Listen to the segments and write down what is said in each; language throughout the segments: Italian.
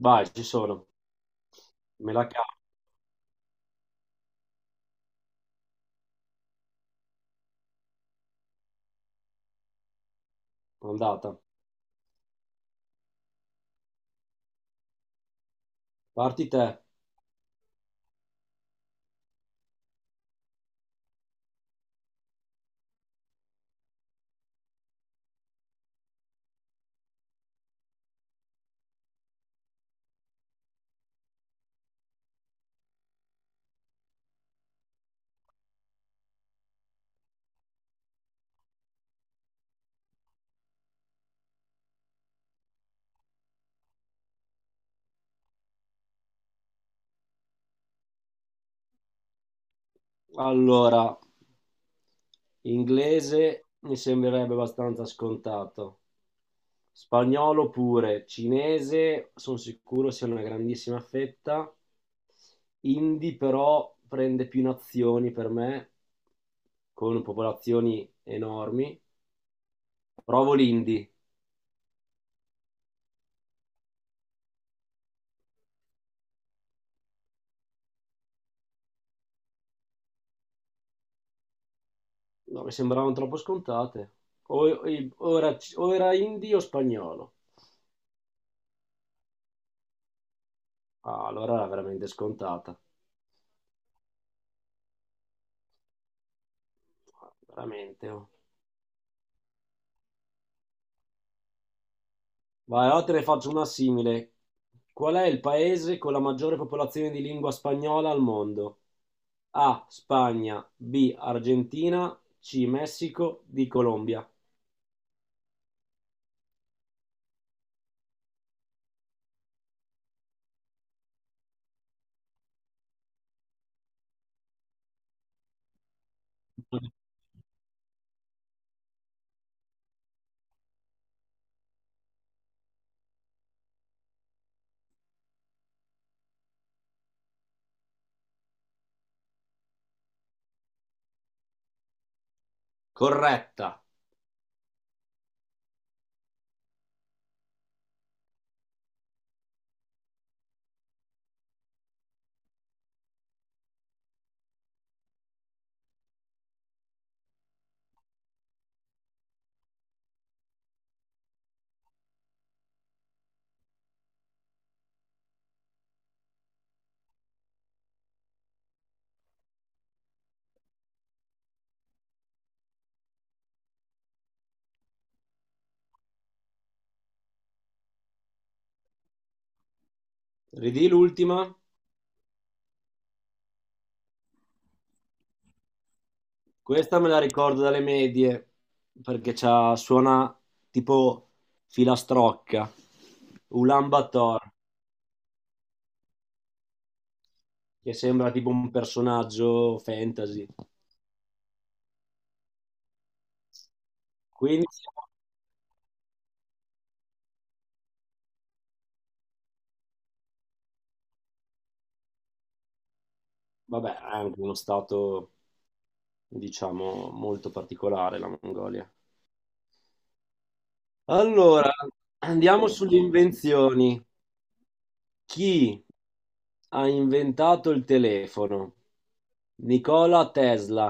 Vai, ci sono. Me la cavo, andata. Parti te. Allora, inglese mi sembrerebbe abbastanza scontato. Spagnolo pure. Cinese sono sicuro sia una grandissima fetta. Hindi però prende più nazioni per me, con popolazioni enormi. Provo l'indi. No, mi sembravano troppo scontate. O era hindi o spagnolo. Ah, allora era veramente scontata. Veramente. Oh. Vai, ora te ne faccio una simile. Qual è il paese con la maggiore popolazione di lingua spagnola al mondo? A. Spagna, B. Argentina, C. Messico, D. Colombia. Corretta. Ridì l'ultima. Questa me la ricordo dalle medie perché c'ha, suona tipo filastrocca. Ulan Bator, che sembra tipo un personaggio fantasy. Quindi Vabbè, è anche uno stato, diciamo, molto particolare la Mongolia. Allora, andiamo sulle invenzioni. Chi ha inventato il telefono? Nikola Tesla,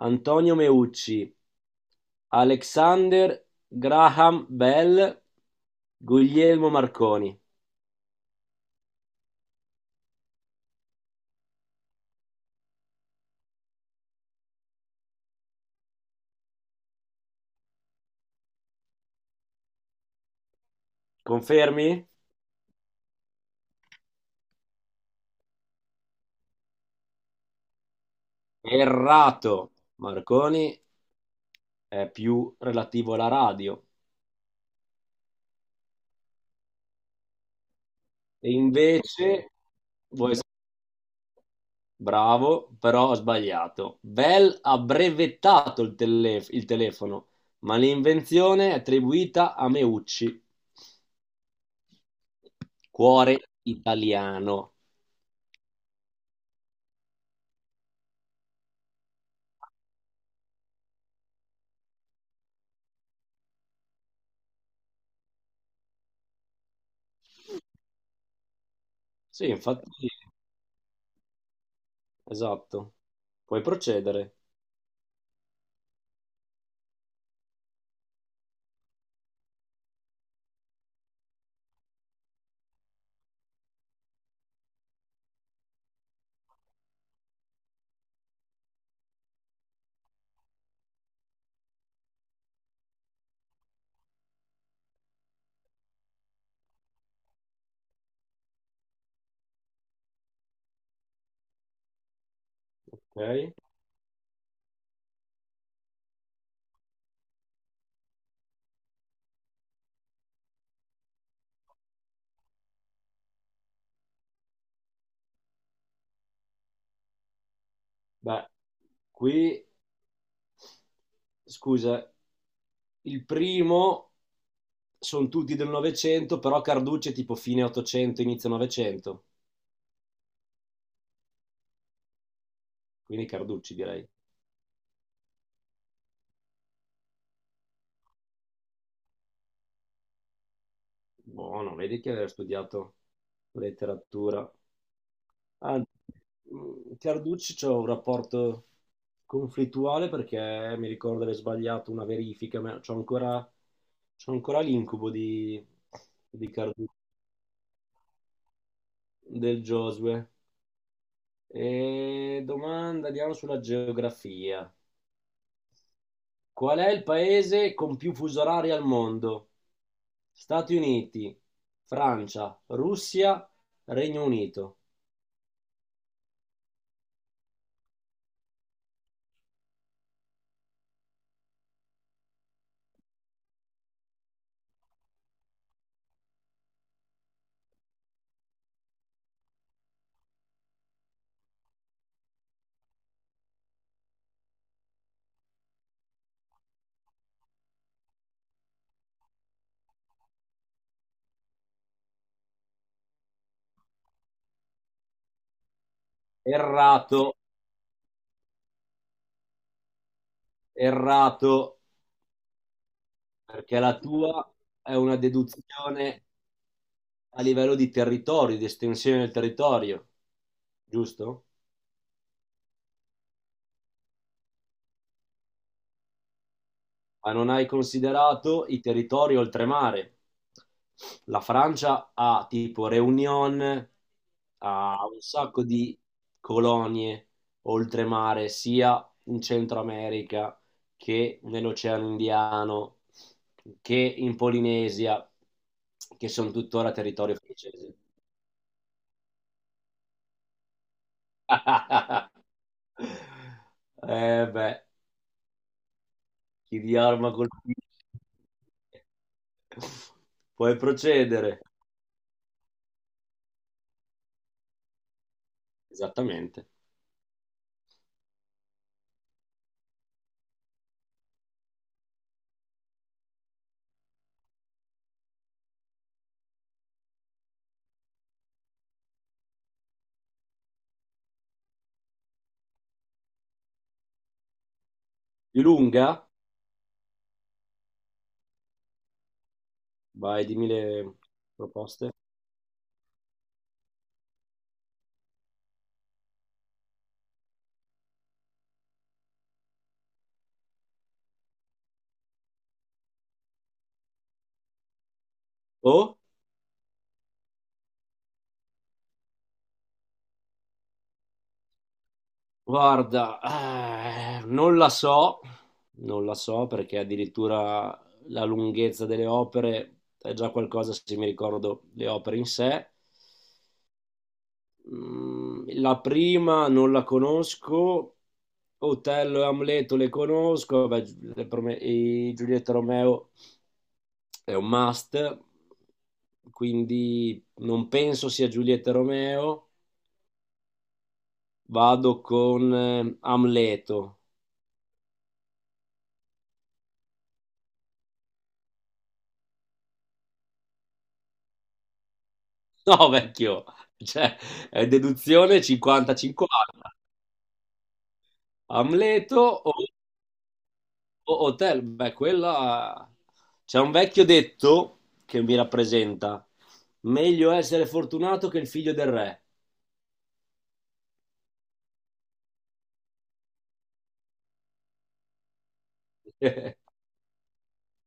Antonio Meucci, Alexander Graham Bell, Guglielmo Marconi. Confermi? Errato. Marconi è più relativo alla radio. E invece voi Bravo, però ho sbagliato. Bell ha brevettato il telefono, ma l'invenzione è attribuita a Meucci, cuore italiano. Sì, infatti, esatto. Puoi procedere. Ok. Beh, qui, scusa, il primo sono tutti del Novecento, però Carducci è tipo fine 800, inizio 900, quindi Carducci direi. Buono, vedi che aveva studiato letteratura. Anzi, Carducci c'ho un rapporto conflittuale perché mi ricordo di aver sbagliato una verifica, ma c'ho ancora l'incubo di Carducci, del Josue. E domanda, andiamo sulla geografia. Qual è il paese con più fusi orari al mondo? Stati Uniti, Francia, Russia, Regno Unito. Errato. Errato, perché la tua è una deduzione a livello di territorio, di estensione del territorio, giusto? Ma non hai considerato i territori oltremare. La Francia ha tipo Réunion, ha un sacco di colonie oltremare, sia in Centro America che nell'Oceano Indiano, che in Polinesia, che sono tuttora territorio francese. Eh beh, chi di arma colpisce. Puoi procedere. Esattamente. Di lunga? Vai, dimmi le proposte. Oh, guarda, non la so, non la so perché addirittura la lunghezza delle opere è già qualcosa se mi ricordo le opere in sé. La prima non la conosco, Otello e Amleto le conosco, vabbè, e Giulietta Romeo è un must, quindi non penso sia Giulietta Romeo, vado con Amleto. No, vecchio, cioè, è deduzione 50-50. Amleto o Hotel, beh, quella... C'è un vecchio detto che mi rappresenta. Meglio essere fortunato che il figlio del re.